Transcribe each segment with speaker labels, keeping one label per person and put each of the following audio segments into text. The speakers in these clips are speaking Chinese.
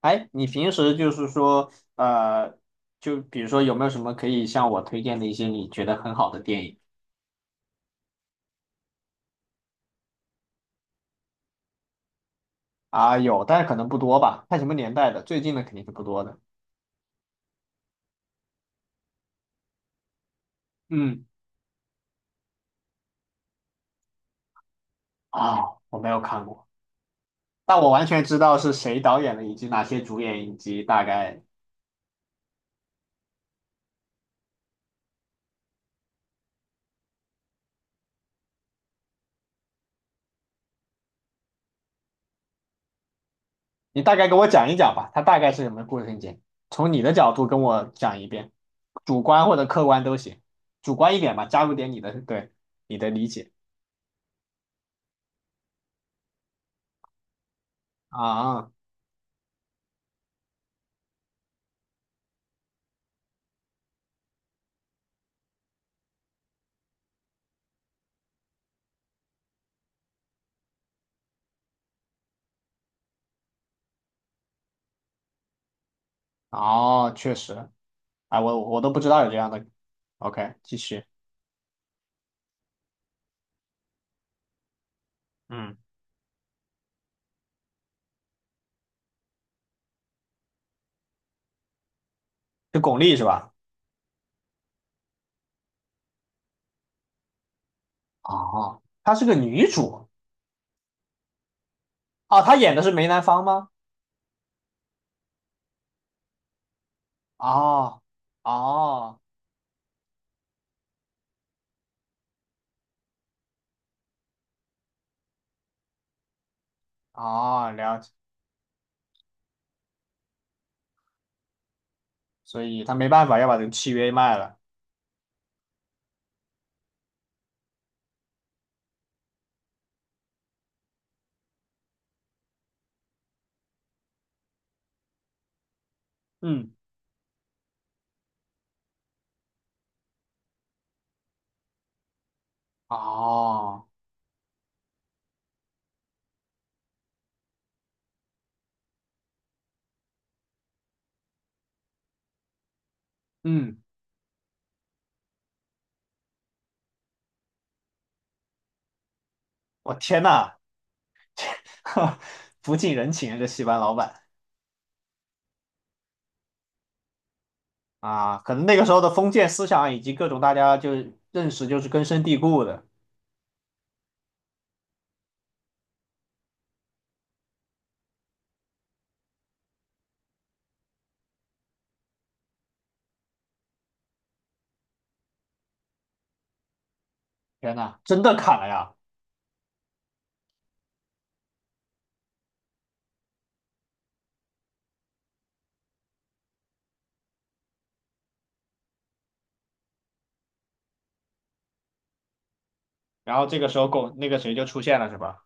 Speaker 1: 哎，你平时就比如说有没有什么可以向我推荐的一些你觉得很好的电影啊？有，但是可能不多吧，看什么年代的，最近的肯定是不多的。嗯。啊，我没有看过，但我完全知道是谁导演的，以及哪些主演，以及大概，你大概给我讲一讲吧，它大概是什么故事情节？从你的角度跟我讲一遍，主观或者客观都行，主观一点吧，加入点你的，对，你的理解。啊，哦，确实。哎，我都不知道有这样的。OK，继续。嗯。是巩俐是吧？哦，她是个女主。哦，她演的是梅兰芳吗？哦。哦。哦，了解。所以她没办法要把这个契约卖了。嗯。哦。嗯。我天呐。不近人情啊，这戏班老板。啊，可能那个时候的封建思想以及各种大家就认识就是根深蒂固的。天呐，真的砍了呀！然后这个时候巩那个谁就出现了是吧？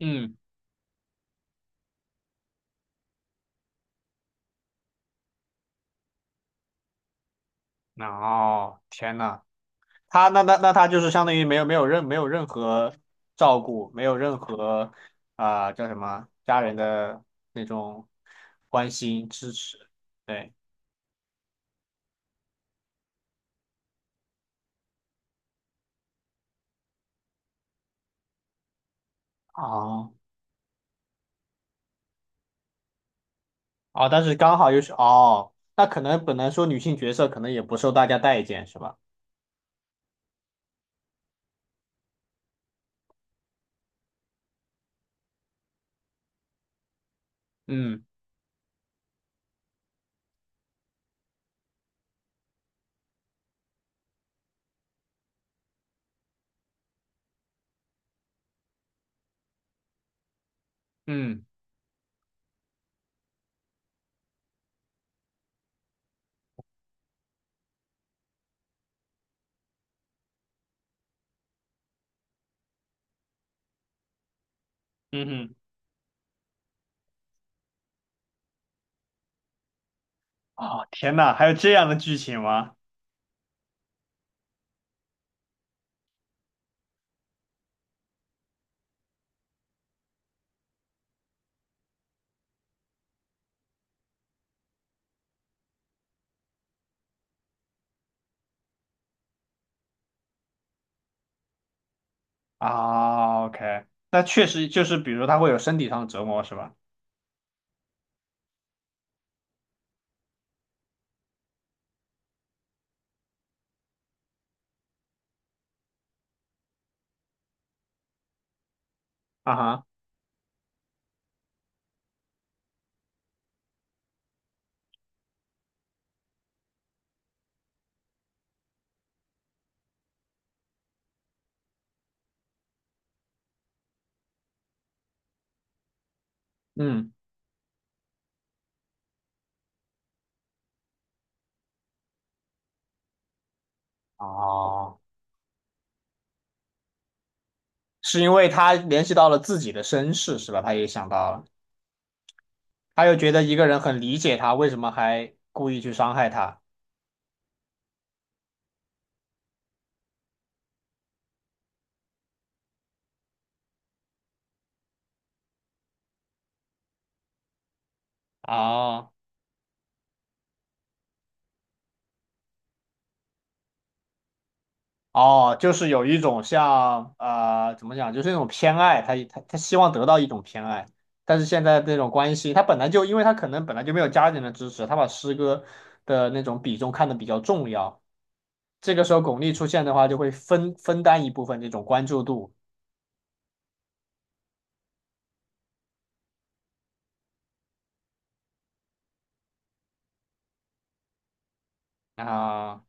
Speaker 1: 嗯。哦，天呐。他那那那他就是相当于没有任何照顾，没有任何啊、叫什么家人的那种关心支持。对。哦哦，但是刚好又是哦，那可能本来说女性角色可能也不受大家待见是吧？嗯。嗯。嗯哼。哦天呐，还有这样的剧情吗？啊，OK，那确实就是比如他会有身体上的折磨是吧？啊哈。嗯。哦，是因为他联系到了自己的身世，是吧？他也想到了，他又觉得一个人很理解他，为什么还故意去伤害他？啊，哦，就是有一种像怎么讲，就是那种偏爱，他他希望得到一种偏爱，但是现在这种关系，他本来就因为他可能本来就没有家人的支持，他把师哥的那种比重看得比较重要，这个时候巩俐出现的话，就会分担一部分这种关注度啊。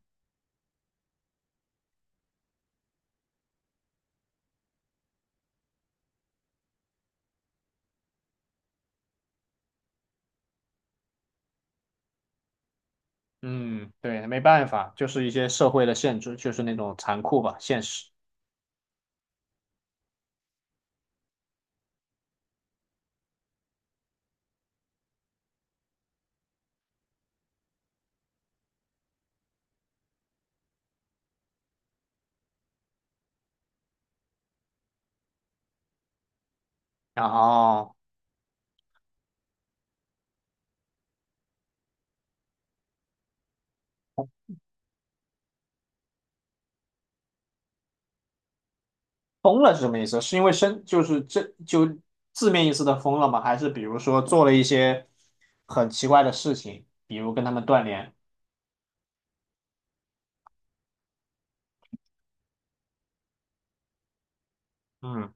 Speaker 1: 嗯，对，没办法，就是一些社会的限制，就是那种残酷吧，现实。然后疯了是什么意思？是因为生，就是这就字面意思的疯了吗？还是比如说做了一些很奇怪的事情，比如跟他们断联？嗯，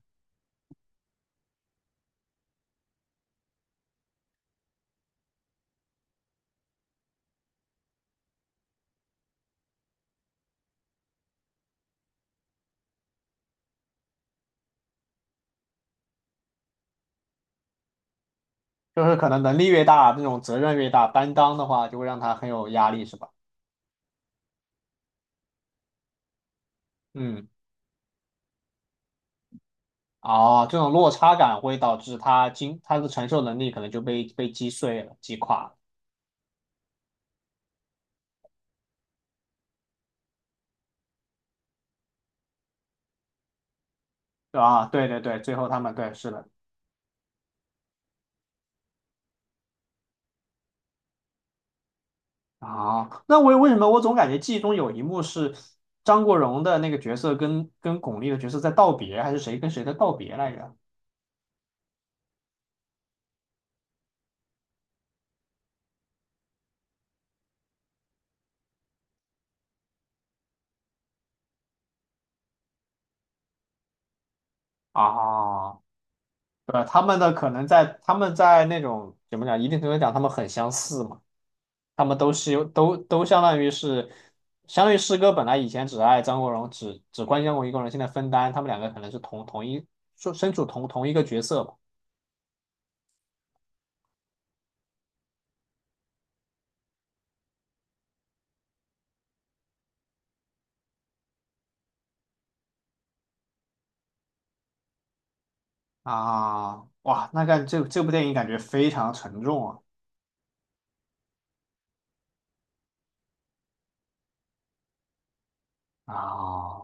Speaker 1: 就是可能能力越大，那种责任越大，担当的话就会让他很有压力，是吧？嗯，哦，这种落差感会导致他他的承受能力可能就被击碎了、击垮了，对吧？啊对对对，最后他们对是的。啊，那我为什么我总感觉记忆中有一幕是张国荣的那个角色跟巩俐的角色在道别，还是谁跟谁在道别来着？啊，对，他们的可能在他们在那种怎么讲，一定程度讲他们很相似嘛，他们都是有都相当于是，相当于师哥本来以前只爱张国荣，只关心过一个人，现在分担，他们两个可能是同一说身处同一个角色吧。啊，哇，那看这部电影感觉非常沉重啊。啊，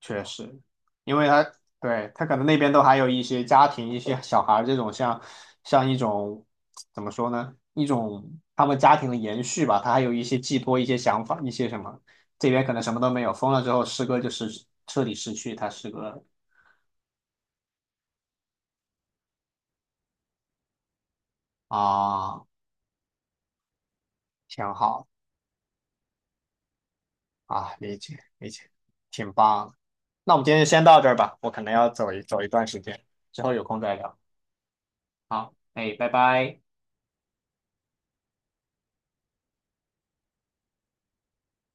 Speaker 1: 确实，因为他对他可能那边都还有一些家庭、一些小孩儿这种像像一种怎么说呢？一种他们家庭的延续吧，他还有一些寄托、一些想法、一些什么。这边可能什么都没有，封了之后，诗歌就是彻底失去他诗歌了啊。挺好啊，理解理解，挺棒。那我们今天就先到这儿吧，我可能要走一段时间，之后有空再聊。好，哎，拜拜。